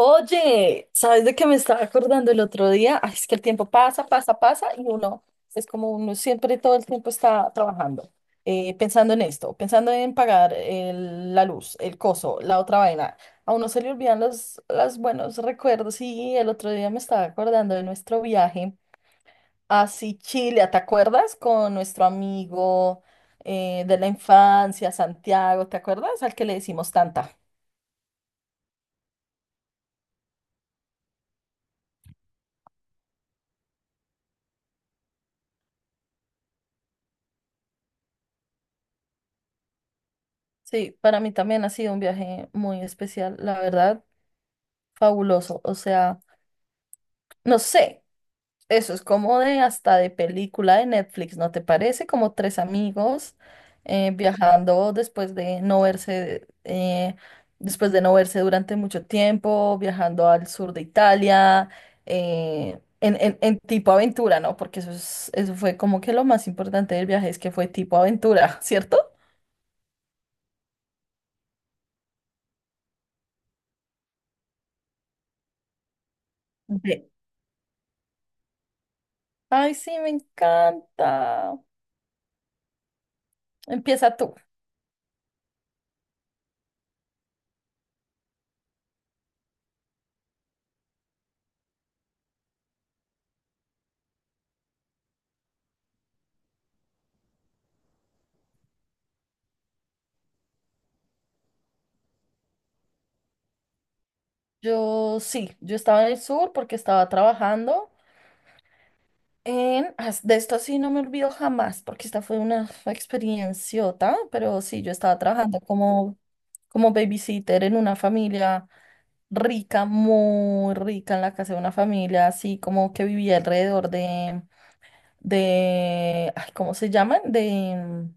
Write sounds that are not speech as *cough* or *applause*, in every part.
Oye, ¿sabes de qué me estaba acordando el otro día? Ay, es que el tiempo pasa, pasa, pasa y uno es como uno siempre todo el tiempo está trabajando, pensando en esto, pensando en pagar la luz, el coso, la otra vaina. A uno se le olvidan los buenos recuerdos y el otro día me estaba acordando de nuestro viaje a Sicilia, ¿te acuerdas? Con nuestro amigo de la infancia, Santiago, ¿te acuerdas? Al que le decimos tanta. Sí, para mí también ha sido un viaje muy especial, la verdad, fabuloso. O sea, no sé, eso es como de hasta de película de Netflix, ¿no te parece? Como tres amigos viajando después de no verse, después de no verse durante mucho tiempo, viajando al sur de Italia, en tipo aventura, ¿no? Porque eso fue como que lo más importante del viaje es que fue tipo aventura, *laughs* ¿cierto? De- Ay, sí, me encanta. Empieza tú. Yo sí, yo estaba en el sur porque estaba trabajando. De esto sí no me olvido jamás porque esta fue una experienciota, pero sí, yo estaba trabajando como babysitter en una familia rica, muy rica, en la casa de una familia así como que vivía alrededor de ay, ¿cómo se llaman?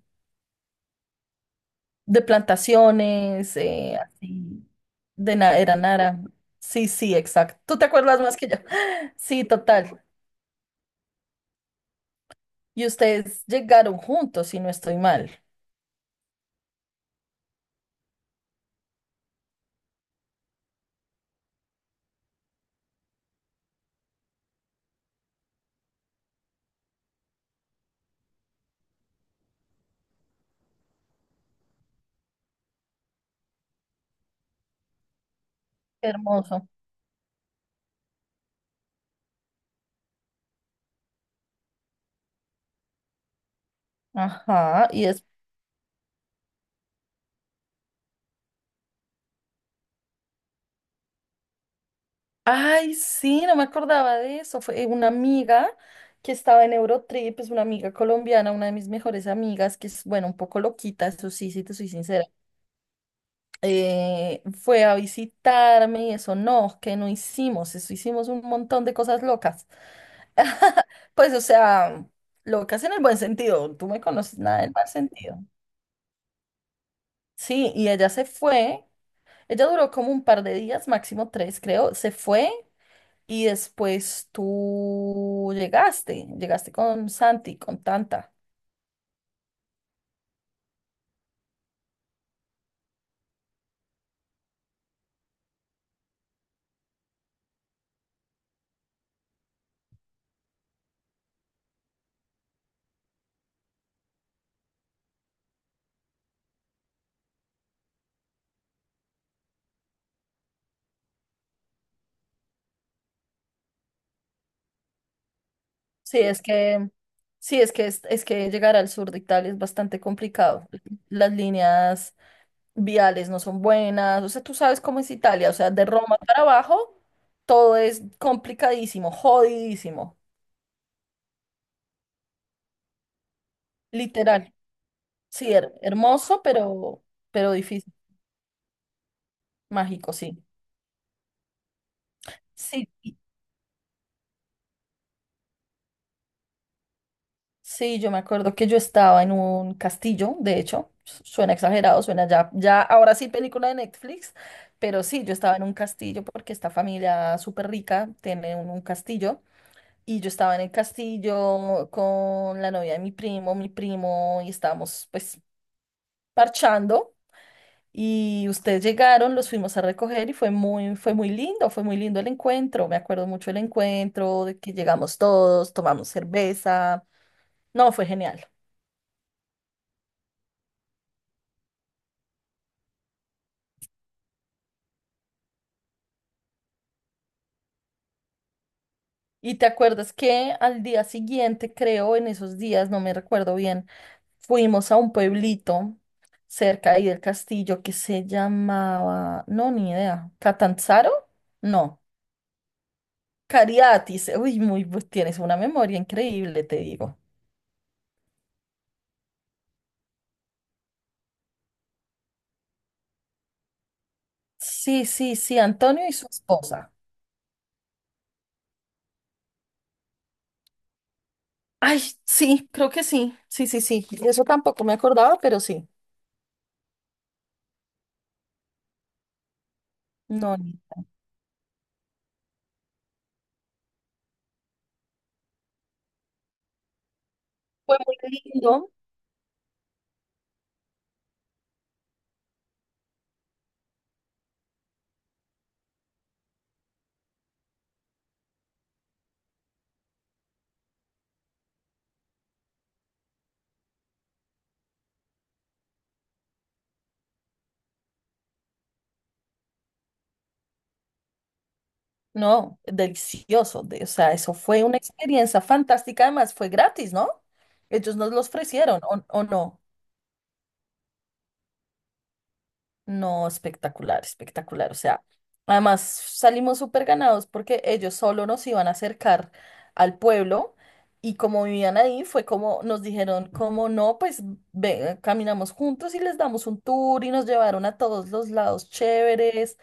De plantaciones, así. Era Nara. Sí, sí, exacto. Tú te acuerdas más que yo. *gasps* *laughs* Sí, total. Y ustedes llegaron juntos, si no estoy mal. Qué hermoso. Ajá. Y es. Ay, sí, no me acordaba de eso. Fue una amiga que estaba en Eurotrip, es una amiga colombiana, una de mis mejores amigas, que es, bueno, un poco loquita, eso sí, si te soy sincera. Fue a visitarme y eso no, que no hicimos, eso hicimos un montón de cosas locas. Pues, o sea, locas en el buen sentido, tú me conoces nada del mal sentido. Sí, y ella se fue, ella duró como un par de días, máximo tres, creo, se fue y después tú llegaste con Santi, con Tanta. Sí, es que llegar al sur de Italia es bastante complicado. Las líneas viales no son buenas, o sea, tú sabes cómo es Italia, o sea, de Roma para abajo todo es complicadísimo, jodidísimo, literal. Sí, hermoso, pero difícil, mágico, sí. Sí, sí, yo me acuerdo que yo estaba en un castillo, de hecho, suena exagerado, suena ya ahora sí película de Netflix, pero sí, yo estaba en un castillo porque esta familia súper rica tiene un castillo y yo estaba en el castillo con la novia de mi primo, y estábamos pues parchando y ustedes llegaron, los fuimos a recoger y fue muy lindo, fue muy lindo el encuentro. Me acuerdo mucho el encuentro, de que llegamos todos, tomamos cerveza. No, fue genial. Y te acuerdas que al día siguiente, creo, en esos días, no me recuerdo bien, fuimos a un pueblito cerca ahí del castillo que se llamaba, no, ni idea, ¿Catanzaro? No, Cariatis. Uy, tienes una memoria increíble, te digo. Sí, sí, sí, Antonio y su esposa. Ay, sí, creo que sí, sí, sí, sí. Eso tampoco me acordaba, pero sí. No, fue muy lindo, no, delicioso. O sea, eso fue una experiencia fantástica, además fue gratis, ¿no? Ellos nos lo ofrecieron, ¿o no? No, espectacular, espectacular. O sea, además salimos súper ganados porque ellos solo nos iban a acercar al pueblo y como vivían ahí fue como nos dijeron, como no, pues caminamos juntos y les damos un tour y nos llevaron a todos los lados chéveres,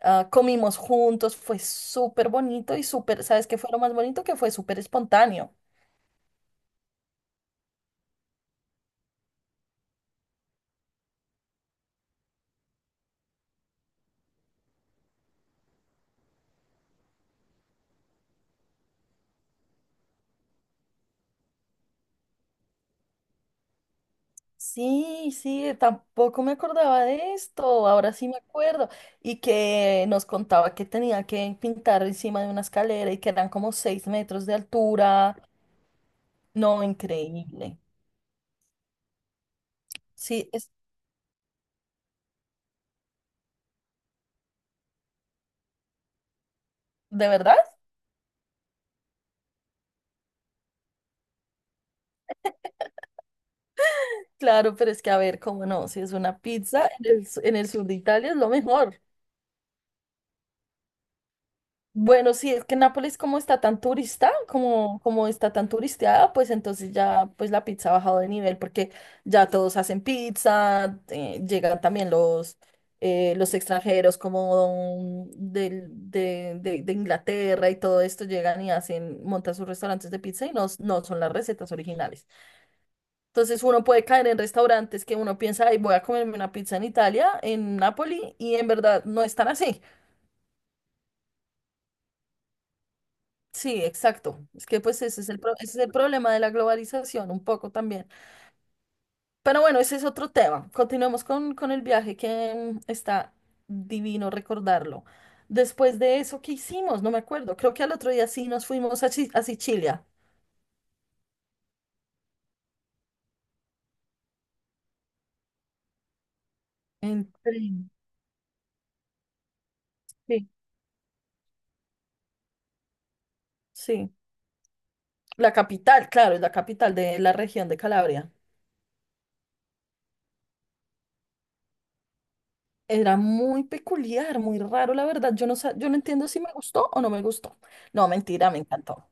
ah, comimos juntos, fue súper bonito y súper, ¿sabes qué fue lo más bonito? Que fue súper espontáneo. Sí, sí, tampoco me acordaba de esto, ahora sí me acuerdo. Y que nos contaba que tenía que pintar encima de una escalera y que eran como 6 metros de altura. No, increíble. Sí, es de verdad, claro, pero es que a ver, cómo no, si es una pizza en en el sur de Italia es lo mejor. Bueno, sí, es que Nápoles como está tan turista, como está tan turisteada, pues entonces ya pues la pizza ha bajado de nivel porque ya todos hacen pizza, llegan también los extranjeros como de Inglaterra y todo esto, llegan y hacen, montan sus restaurantes de pizza y no son las recetas originales. Entonces uno puede caer en restaurantes que uno piensa, ay, voy a comerme una pizza en Italia, en Nápoles, y en verdad no están así. Sí, exacto. Es que pues ese es el problema de la globalización un poco también. Pero bueno, ese es otro tema. Continuemos con el viaje que está divino recordarlo. Después de eso, ¿qué hicimos? No me acuerdo. Creo que al otro día sí nos fuimos a Sicilia. En tren. Sí, sí. La capital, claro, es la capital de la región de Calabria. Era muy peculiar, muy raro, la verdad. Yo no entiendo si me gustó o no me gustó. No, mentira, me encantó.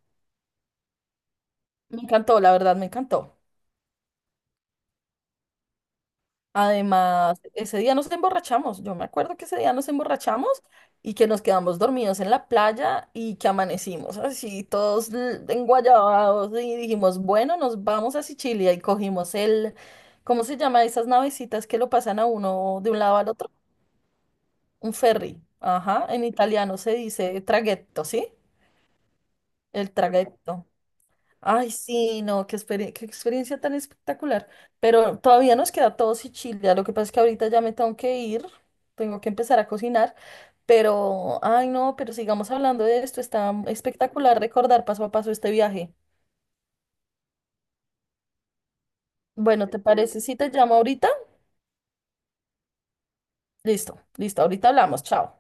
Me encantó, la verdad, me encantó. Además, ese día nos emborrachamos. Yo me acuerdo que ese día nos emborrachamos y que nos quedamos dormidos en la playa y que amanecimos así, todos enguayabados y dijimos, bueno, nos vamos a Sicilia y cogimos el, ¿cómo se llama? Esas navecitas que lo pasan a uno de un lado al otro. Un ferry. Ajá, en italiano se dice traghetto, ¿sí? El traghetto. Ay, sí, no, qué experiencia tan espectacular. Pero todavía nos queda todo Sicilia. Lo que pasa es que ahorita ya me tengo que ir, tengo que empezar a cocinar. Pero, ay, no, pero sigamos hablando de esto. Está espectacular recordar paso a paso este viaje. Bueno, ¿te parece si te llamo ahorita? Listo, listo, ahorita hablamos. Chao.